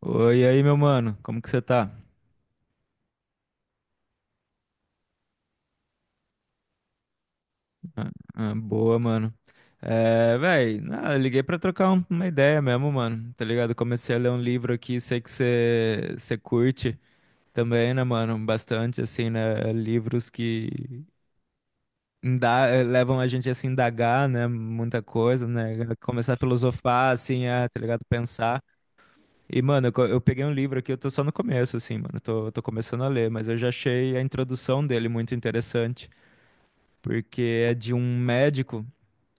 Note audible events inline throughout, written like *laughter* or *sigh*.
Oi, e aí, meu mano, como que você tá? Boa, mano. É, véi, liguei pra trocar uma ideia mesmo, mano, tá ligado? Comecei a ler um livro aqui, sei que você curte também, né, mano? Bastante, assim, né? Livros que levam a gente a se indagar, né? Muita coisa, né? Começar a filosofar, assim, a, tá ligado? Pensar. E, mano, eu peguei um livro aqui, eu tô só no começo, assim, mano, tô começando a ler, mas eu já achei a introdução dele muito interessante. Porque é de um médico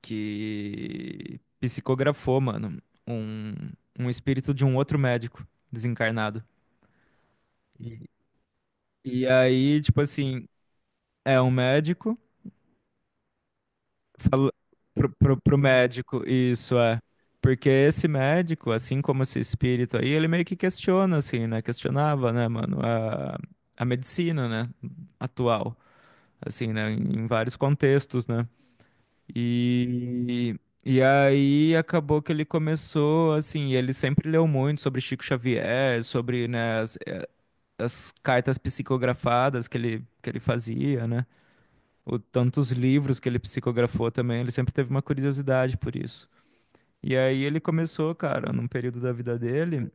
que psicografou, mano, um, um espírito de um outro médico desencarnado. E- E aí, tipo assim, é um médico, falou pro médico, isso é. Porque esse médico, assim como esse espírito aí, ele meio que questiona, assim, né? Questionava, né, mano, a medicina, né, atual, assim, né, em vários contextos, né? E, e aí acabou que ele começou, assim, ele sempre leu muito sobre Chico Xavier, sobre, né, as cartas psicografadas que que ele fazia, né? O, tantos livros que ele psicografou também, ele sempre teve uma curiosidade por isso. E aí ele começou, cara, num período da vida dele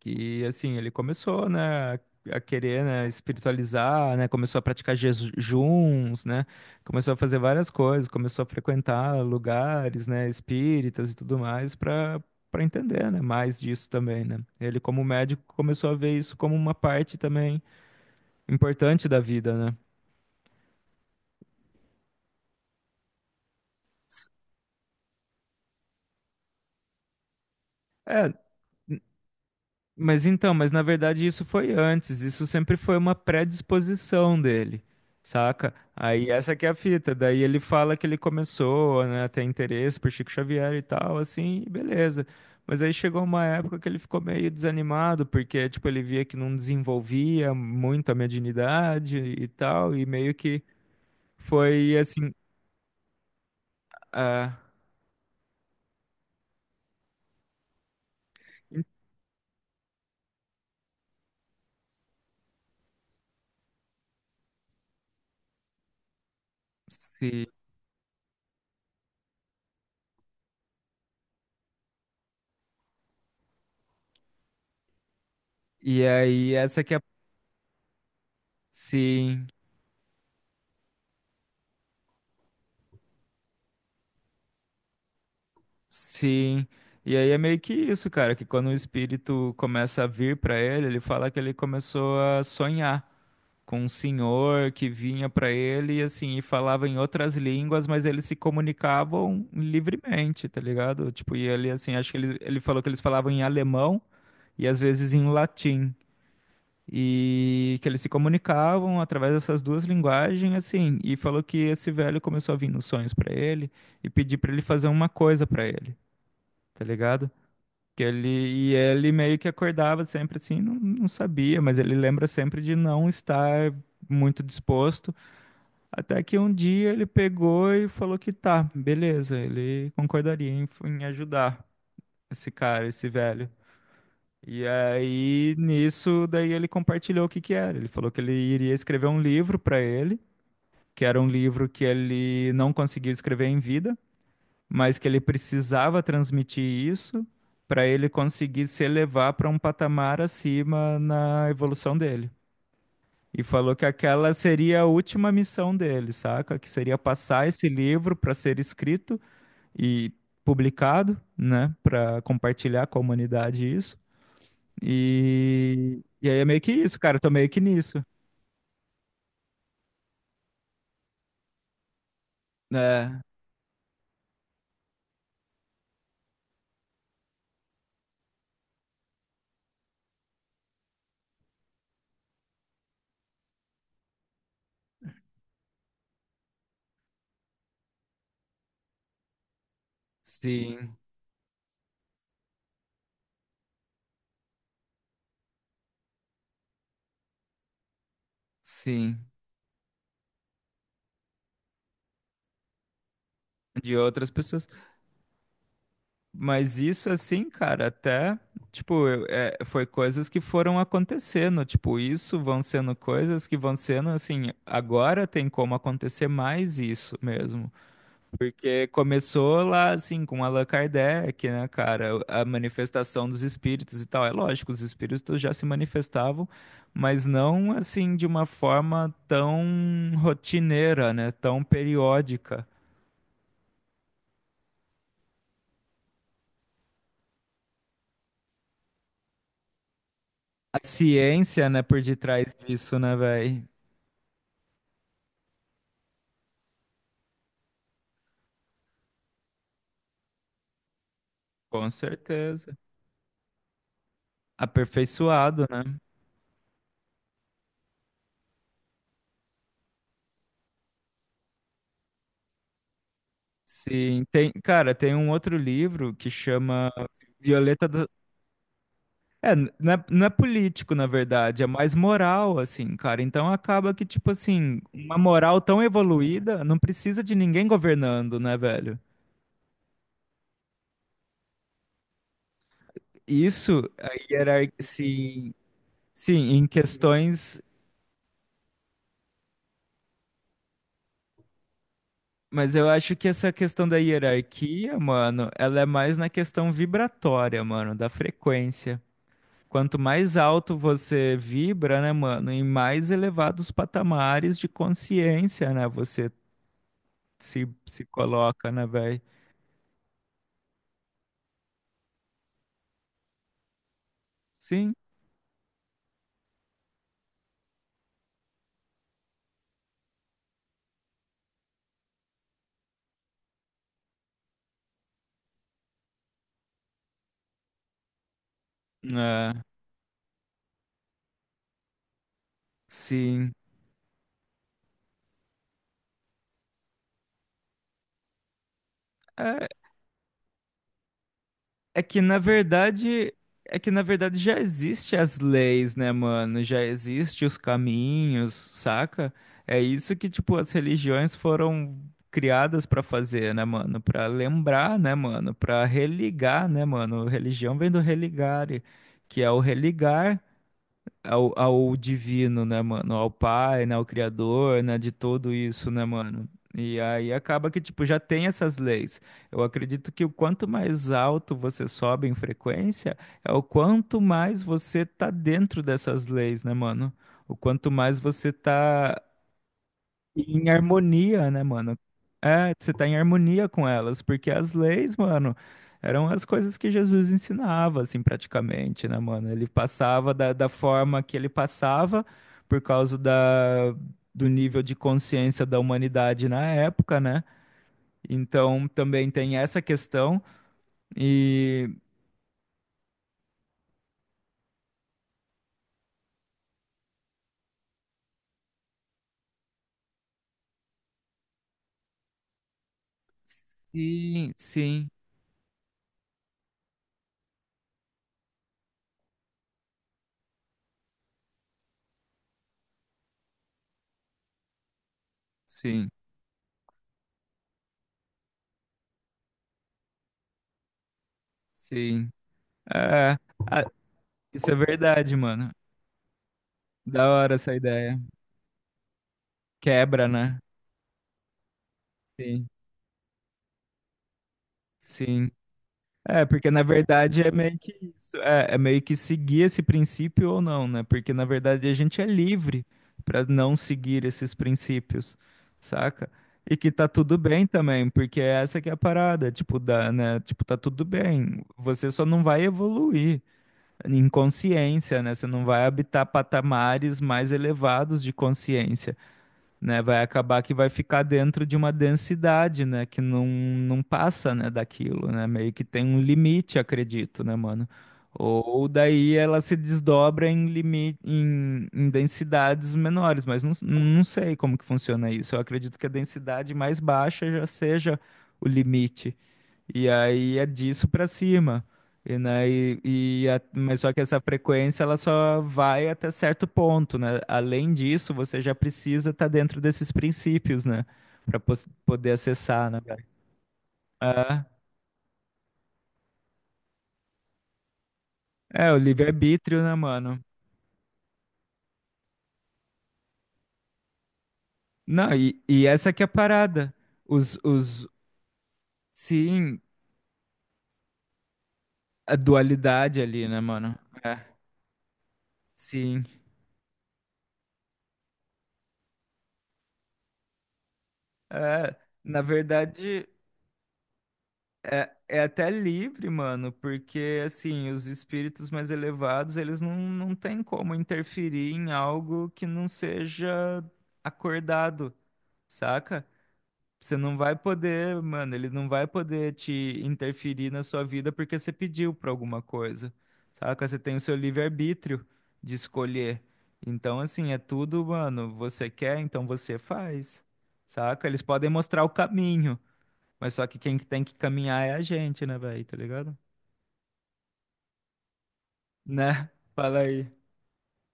que assim, ele começou, né, a querer, né, espiritualizar, né, começou a praticar jejuns, né, começou a fazer várias coisas, começou a frequentar lugares, né, espíritas e tudo mais para entender, né, mais disso também, né. Ele como médico começou a ver isso como uma parte também importante da vida, né. É, mas então, mas na verdade isso foi antes, isso sempre foi uma predisposição dele, saca? Aí essa que é a fita, daí ele fala que ele começou, né, a ter interesse por Chico Xavier e tal, assim, e beleza. Mas aí chegou uma época que ele ficou meio desanimado, porque, tipo, ele via que não desenvolvia muito a mediunidade e tal, e meio que foi assim, ah, sim. E aí essa que é, sim. Sim. E aí é meio que isso, cara, que quando o espírito começa a vir pra ele, ele fala que ele começou a sonhar com um senhor que vinha pra ele e assim, e falava em outras línguas, mas eles se comunicavam livremente, tá ligado? Tipo, e ele assim, acho que ele falou que eles falavam em alemão e às vezes em latim. E que eles se comunicavam através dessas duas linguagens, assim, e falou que esse velho começou a vir nos sonhos pra ele e pedir pra ele fazer uma coisa pra ele, tá ligado? Que ele, e ele meio que acordava sempre assim, não sabia, mas ele lembra sempre de não estar muito disposto. Até que um dia ele pegou e falou que tá, beleza, ele concordaria em ajudar esse cara, esse velho. E aí nisso, daí ele compartilhou o que que era. Ele falou que ele iria escrever um livro para ele, que era um livro que ele não conseguiu escrever em vida, mas que ele precisava transmitir isso para ele conseguir se elevar para um patamar acima na evolução dele. E falou que aquela seria a última missão dele, saca? Que seria passar esse livro para ser escrito e publicado, né, para compartilhar com a humanidade isso. E aí é meio que isso, cara, eu tô meio que nisso. É, sim, sim. De outras pessoas. Mas isso assim, cara, até, tipo, foi coisas que foram acontecendo, tipo, isso vão sendo coisas que vão sendo assim, agora tem como acontecer mais isso mesmo. Porque começou lá, assim, com Allan Kardec, né, cara, a manifestação dos espíritos e tal. É lógico, os espíritos já se manifestavam, mas não assim de uma forma tão rotineira, né, tão periódica. A ciência, né, por detrás disso, né, velho? Com certeza. Aperfeiçoado, né? Sim, tem, cara, tem um outro livro que chama Violeta da... É, não é, não é político, na verdade, é mais moral, assim, cara. Então acaba que, tipo assim, uma moral tão evoluída não precisa de ninguém governando, né, velho? Isso, a hierarquia, sim, sim, em questões. Mas eu acho que essa questão da hierarquia, mano, ela é mais na questão vibratória, mano, da frequência. Quanto mais alto você vibra, né, mano, em mais elevados patamares de consciência, né, você se coloca, né, velho? Sim, é, sim. É, é que na verdade, é que na verdade já existe as leis, né, mano? Já existe os caminhos, saca? É isso que tipo as religiões foram criadas pra fazer, né, mano? Pra lembrar, né, mano? Pra religar, né, mano? Religião vem do religare, que é o religar, ao divino, né, mano? Ao pai, né? Ao criador, né? De tudo isso, né, mano? E aí acaba que, tipo, já tem essas leis. Eu acredito que o quanto mais alto você sobe em frequência, é o quanto mais você tá dentro dessas leis, né, mano? O quanto mais você tá. E em harmonia, né, mano? É, você tá em harmonia com elas, porque as leis, mano, eram as coisas que Jesus ensinava, assim, praticamente, né, mano? Ele passava da forma que ele passava, por causa da, do nível de consciência da humanidade na época, né? Então, também tem essa questão, e... e sim, sim, sim. É, ah, isso é verdade, mano. Da hora essa ideia. Quebra, né? Sim. Sim. É, porque na verdade é meio que isso, é, é meio que seguir esse princípio ou não, né? Porque na verdade a gente é livre para não seguir esses princípios, saca? E que tá tudo bem também, porque é essa que é a parada, tipo, da, né? Tipo, tá tudo bem. Você só não vai evoluir em consciência, né? Você não vai habitar patamares mais elevados de consciência, né? Vai acabar que vai ficar dentro de uma densidade, né? Que não, não passa, né, daquilo, né? Meio que tem um limite, acredito, né, mano? Ou daí ela se desdobra em limite, em densidades menores, mas não, não sei como que funciona isso. Eu acredito que a densidade mais baixa já seja o limite, e aí é disso pra cima. E, né, e a- mas só que essa frequência ela só vai até certo ponto, né? Além disso, você já precisa estar dentro desses princípios, né? Para poder acessar, né, velho? Ah, é, o livre-arbítrio, né, mano? Não, e essa que é a parada. Os, os, sim, a dualidade ali, né, mano? É, sim. É, na verdade. É, é até livre, mano, porque assim, os espíritos mais elevados, eles não, não têm como interferir em algo que não seja acordado, saca? Você não vai poder, mano, ele não vai poder te interferir na sua vida porque você pediu pra alguma coisa, saca? Você tem o seu livre-arbítrio de escolher. Então, assim, é tudo, mano, você quer, então você faz, saca? Eles podem mostrar o caminho. Mas só que quem que tem que caminhar é a gente, né, velho? Tá ligado? Né? *laughs* Fala aí.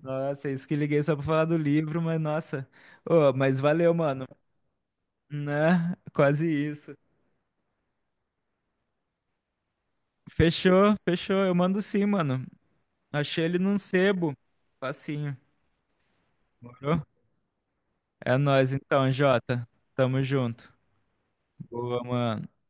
Nossa, é isso que liguei só pra falar do livro, mas nossa. Ô, mas valeu, mano. Né? Quase isso. Fechou, fechou. Eu mando sim, mano. Achei ele num sebo. Facinho. Morou? É nóis então, Jota. Tamo junto. Boa, mano.